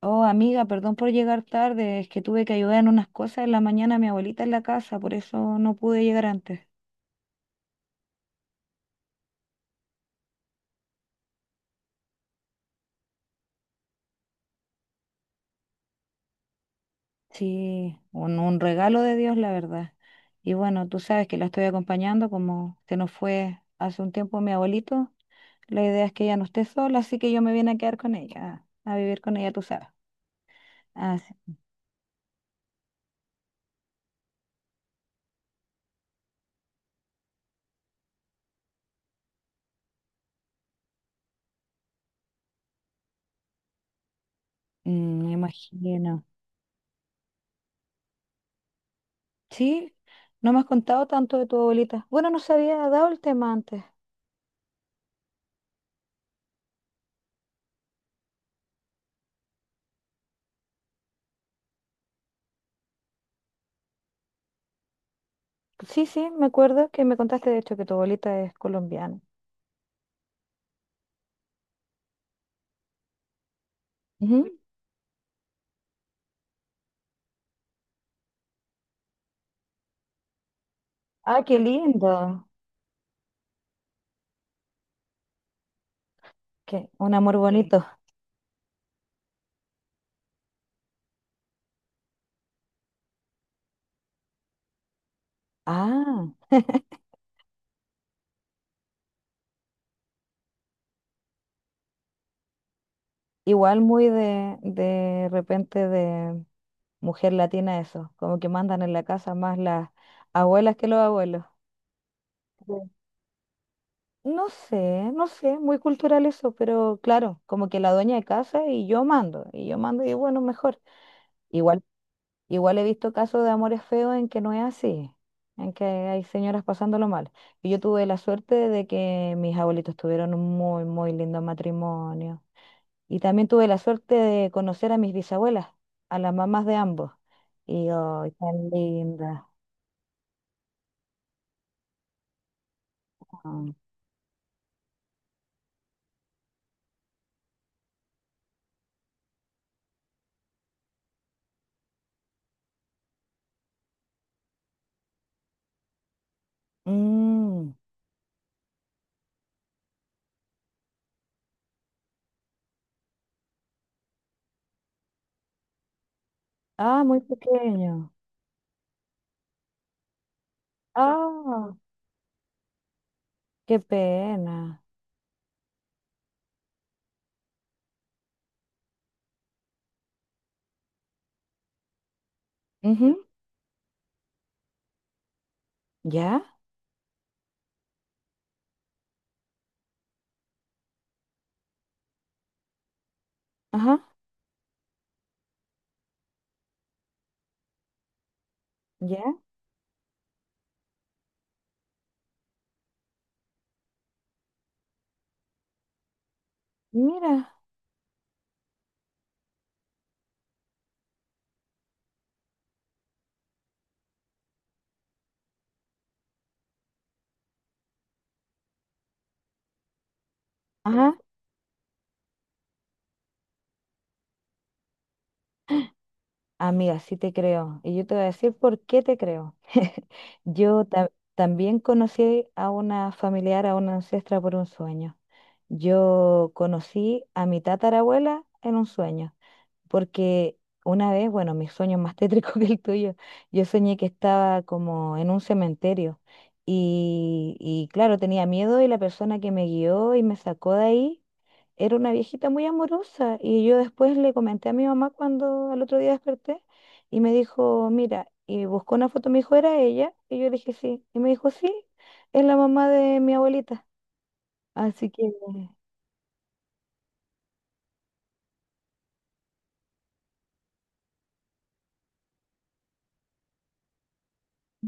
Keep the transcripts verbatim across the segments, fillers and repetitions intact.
Oh, amiga, perdón por llegar tarde, es que tuve que ayudar en unas cosas en la mañana a mi abuelita en la casa, por eso no pude llegar antes. Sí, un, un regalo de Dios, la verdad. Y bueno, tú sabes que la estoy acompañando, como se nos fue hace un tiempo mi abuelito, la idea es que ella no esté sola, así que yo me vine a quedar con ella, a vivir con ella, tú sabes. Ah, sí. Mm, me imagino. Sí, no me has contado tanto de tu abuelita. Bueno, no se había dado el tema antes. Sí, sí, me acuerdo que me contaste de hecho que tu abuelita es colombiana. Ujú. Ah, qué lindo. Qué, un amor bonito. Ah, igual muy de, de repente de mujer latina eso, como que mandan en la casa más las abuelas que los abuelos. Sí. No sé, no sé, muy cultural eso, pero claro, como que la dueña de casa y yo mando, y yo mando y bueno, mejor. Igual Igual he visto casos de amores feos en que no es así, en que hay señoras pasándolo mal. Y yo tuve la suerte de que mis abuelitos tuvieron un muy, muy lindo matrimonio. Y también tuve la suerte de conocer a mis bisabuelas, a las mamás de ambos. Y ay, tan lindas. Son. Mm. Ah, muy pequeño. Ah, qué pena. Ujú. ¿Ya? Ajá. ¿Ya? Mira. Ajá. Amiga, sí te creo. Y yo te voy a decir por qué te creo. Yo ta- también conocí a una familiar, a una ancestra por un sueño. Yo conocí a mi tatarabuela en un sueño porque una vez, bueno, mi sueño es más tétrico que el tuyo, yo soñé que estaba como en un cementerio y, y claro, tenía miedo y la persona que me guió y me sacó de ahí era una viejita muy amorosa y yo después le comenté a mi mamá cuando al otro día desperté y me dijo, mira, y buscó una foto, me dijo, ¿era ella? Y yo le dije, sí, y me dijo, sí, es la mamá de mi abuelita, así que...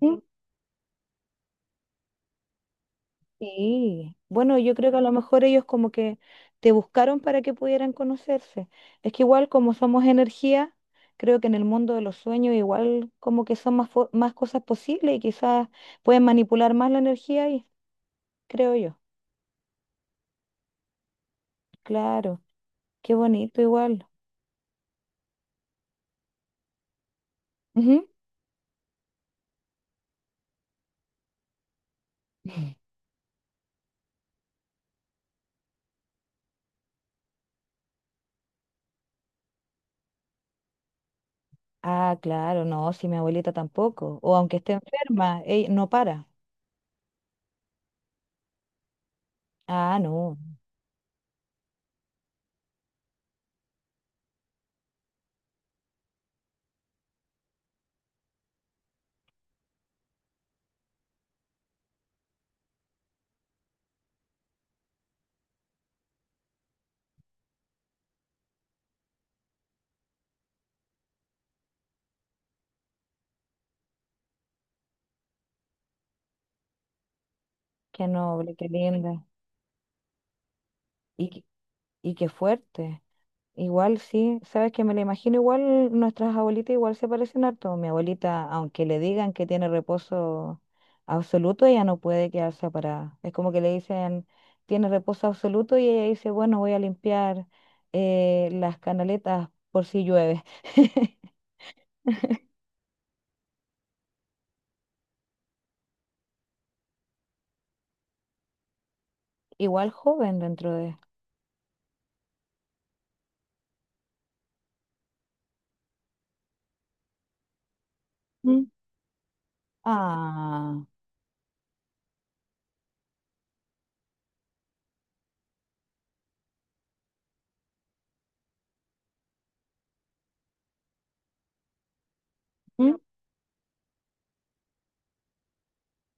¿Sí? Sí, bueno, yo creo que a lo mejor ellos como que te buscaron para que pudieran conocerse. Es que igual como somos energía, creo que en el mundo de los sueños igual como que son más, fo- más cosas posibles y quizás pueden manipular más la energía y creo yo. Claro, qué bonito igual. Ujú. Ah, claro, no, si mi abuelita tampoco. O aunque esté enferma, ella no para. Ah, no, qué noble, qué linda. Y, qué- y qué fuerte. Igual sí, sabes que me la imagino igual, nuestras abuelitas igual se parecen harto. Mi abuelita, aunque le digan que tiene reposo absoluto, ella no puede quedarse parada. Es como que le dicen, tiene reposo absoluto y ella dice, bueno, voy a limpiar eh, las canaletas por si llueve. Igual joven dentro de... Mm. Ah. ¿Mm?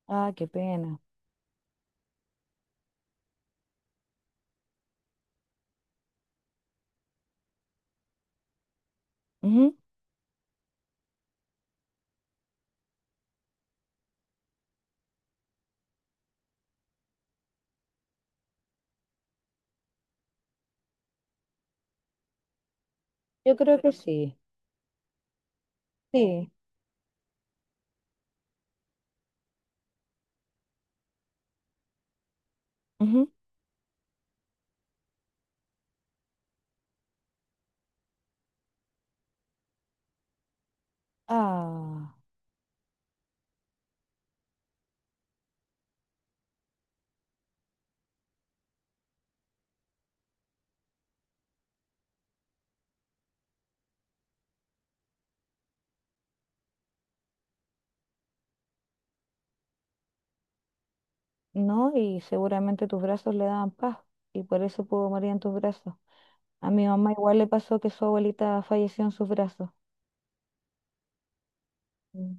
Ah, qué pena. Ujú. Yo creo que sí, sí. Ujú. Ah. ¿No? Y seguramente tus brazos le daban paz y por eso pudo morir en tus brazos. A mi mamá igual le pasó que su abuelita falleció en sus brazos. Mm.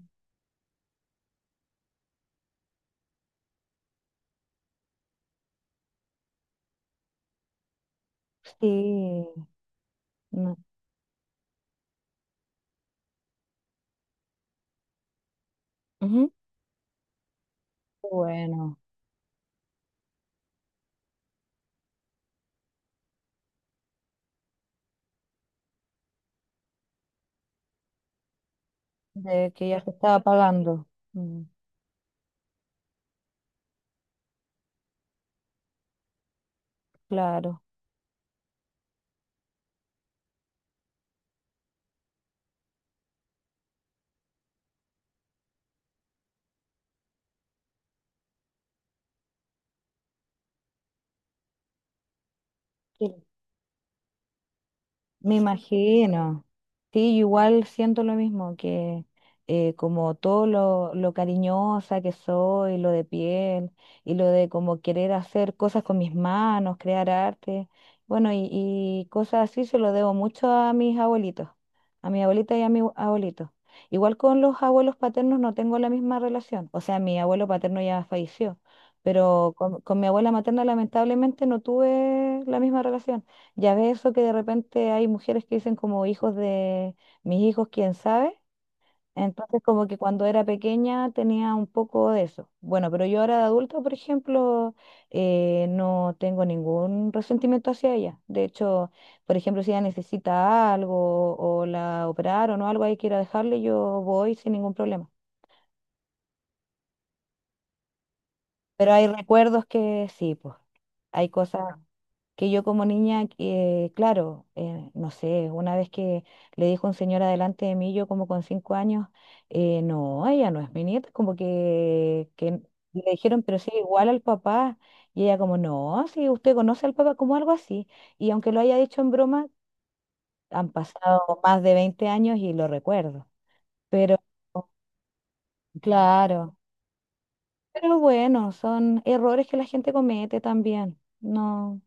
Sí, no. Ujú. Bueno, de que ya se estaba pagando. Mm, claro. Me imagino. Sí, yo igual siento lo mismo, que eh, como todo lo, lo cariñosa que soy, lo de piel, y lo de como querer hacer cosas con mis manos, crear arte, bueno, y, y cosas así se lo debo mucho a mis abuelitos, a mi abuelita y a mi abue- abuelito. Igual con los abuelos paternos no tengo la misma relación, o sea, mi abuelo paterno ya falleció, pero con, con mi abuela materna lamentablemente no tuve la misma relación. Ya ves eso que de repente hay mujeres que dicen como hijos de mis hijos, quién sabe. Entonces como que cuando era pequeña tenía un poco de eso. Bueno, pero yo ahora de adulta, por ejemplo, eh, no tengo ningún resentimiento hacia ella. De hecho, por ejemplo, si ella necesita algo o la operaron o algo ahí quiera dejarle, yo voy sin ningún problema. Pero hay recuerdos que sí, pues hay cosas. Que yo como niña, eh, claro, eh, no sé, una vez que le dijo un señor adelante de mí, yo como con cinco años, eh, no, ella no es mi nieta, como que, que le dijeron, pero sí, igual al papá, y ella como, no, sí, usted conoce al papá como algo así, y aunque lo haya dicho en broma, han pasado más de veinte años y lo recuerdo, pero claro, pero bueno, son errores que la gente comete también, no.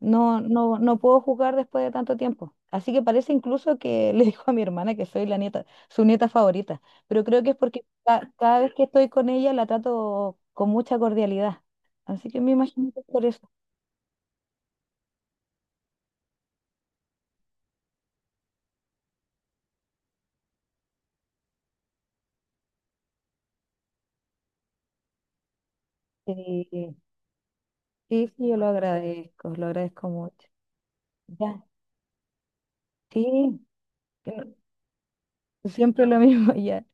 No, no, no puedo jugar después de tanto tiempo. Así que parece incluso que le dijo a mi hermana que soy la nieta, su nieta favorita. Pero creo que es porque ca- cada vez que estoy con ella la trato con mucha cordialidad. Así que me imagino que es por eso. Sí, sí, sí, yo lo agradezco, lo agradezco mucho. Ya, sí, que no- siempre lo mismo, ya.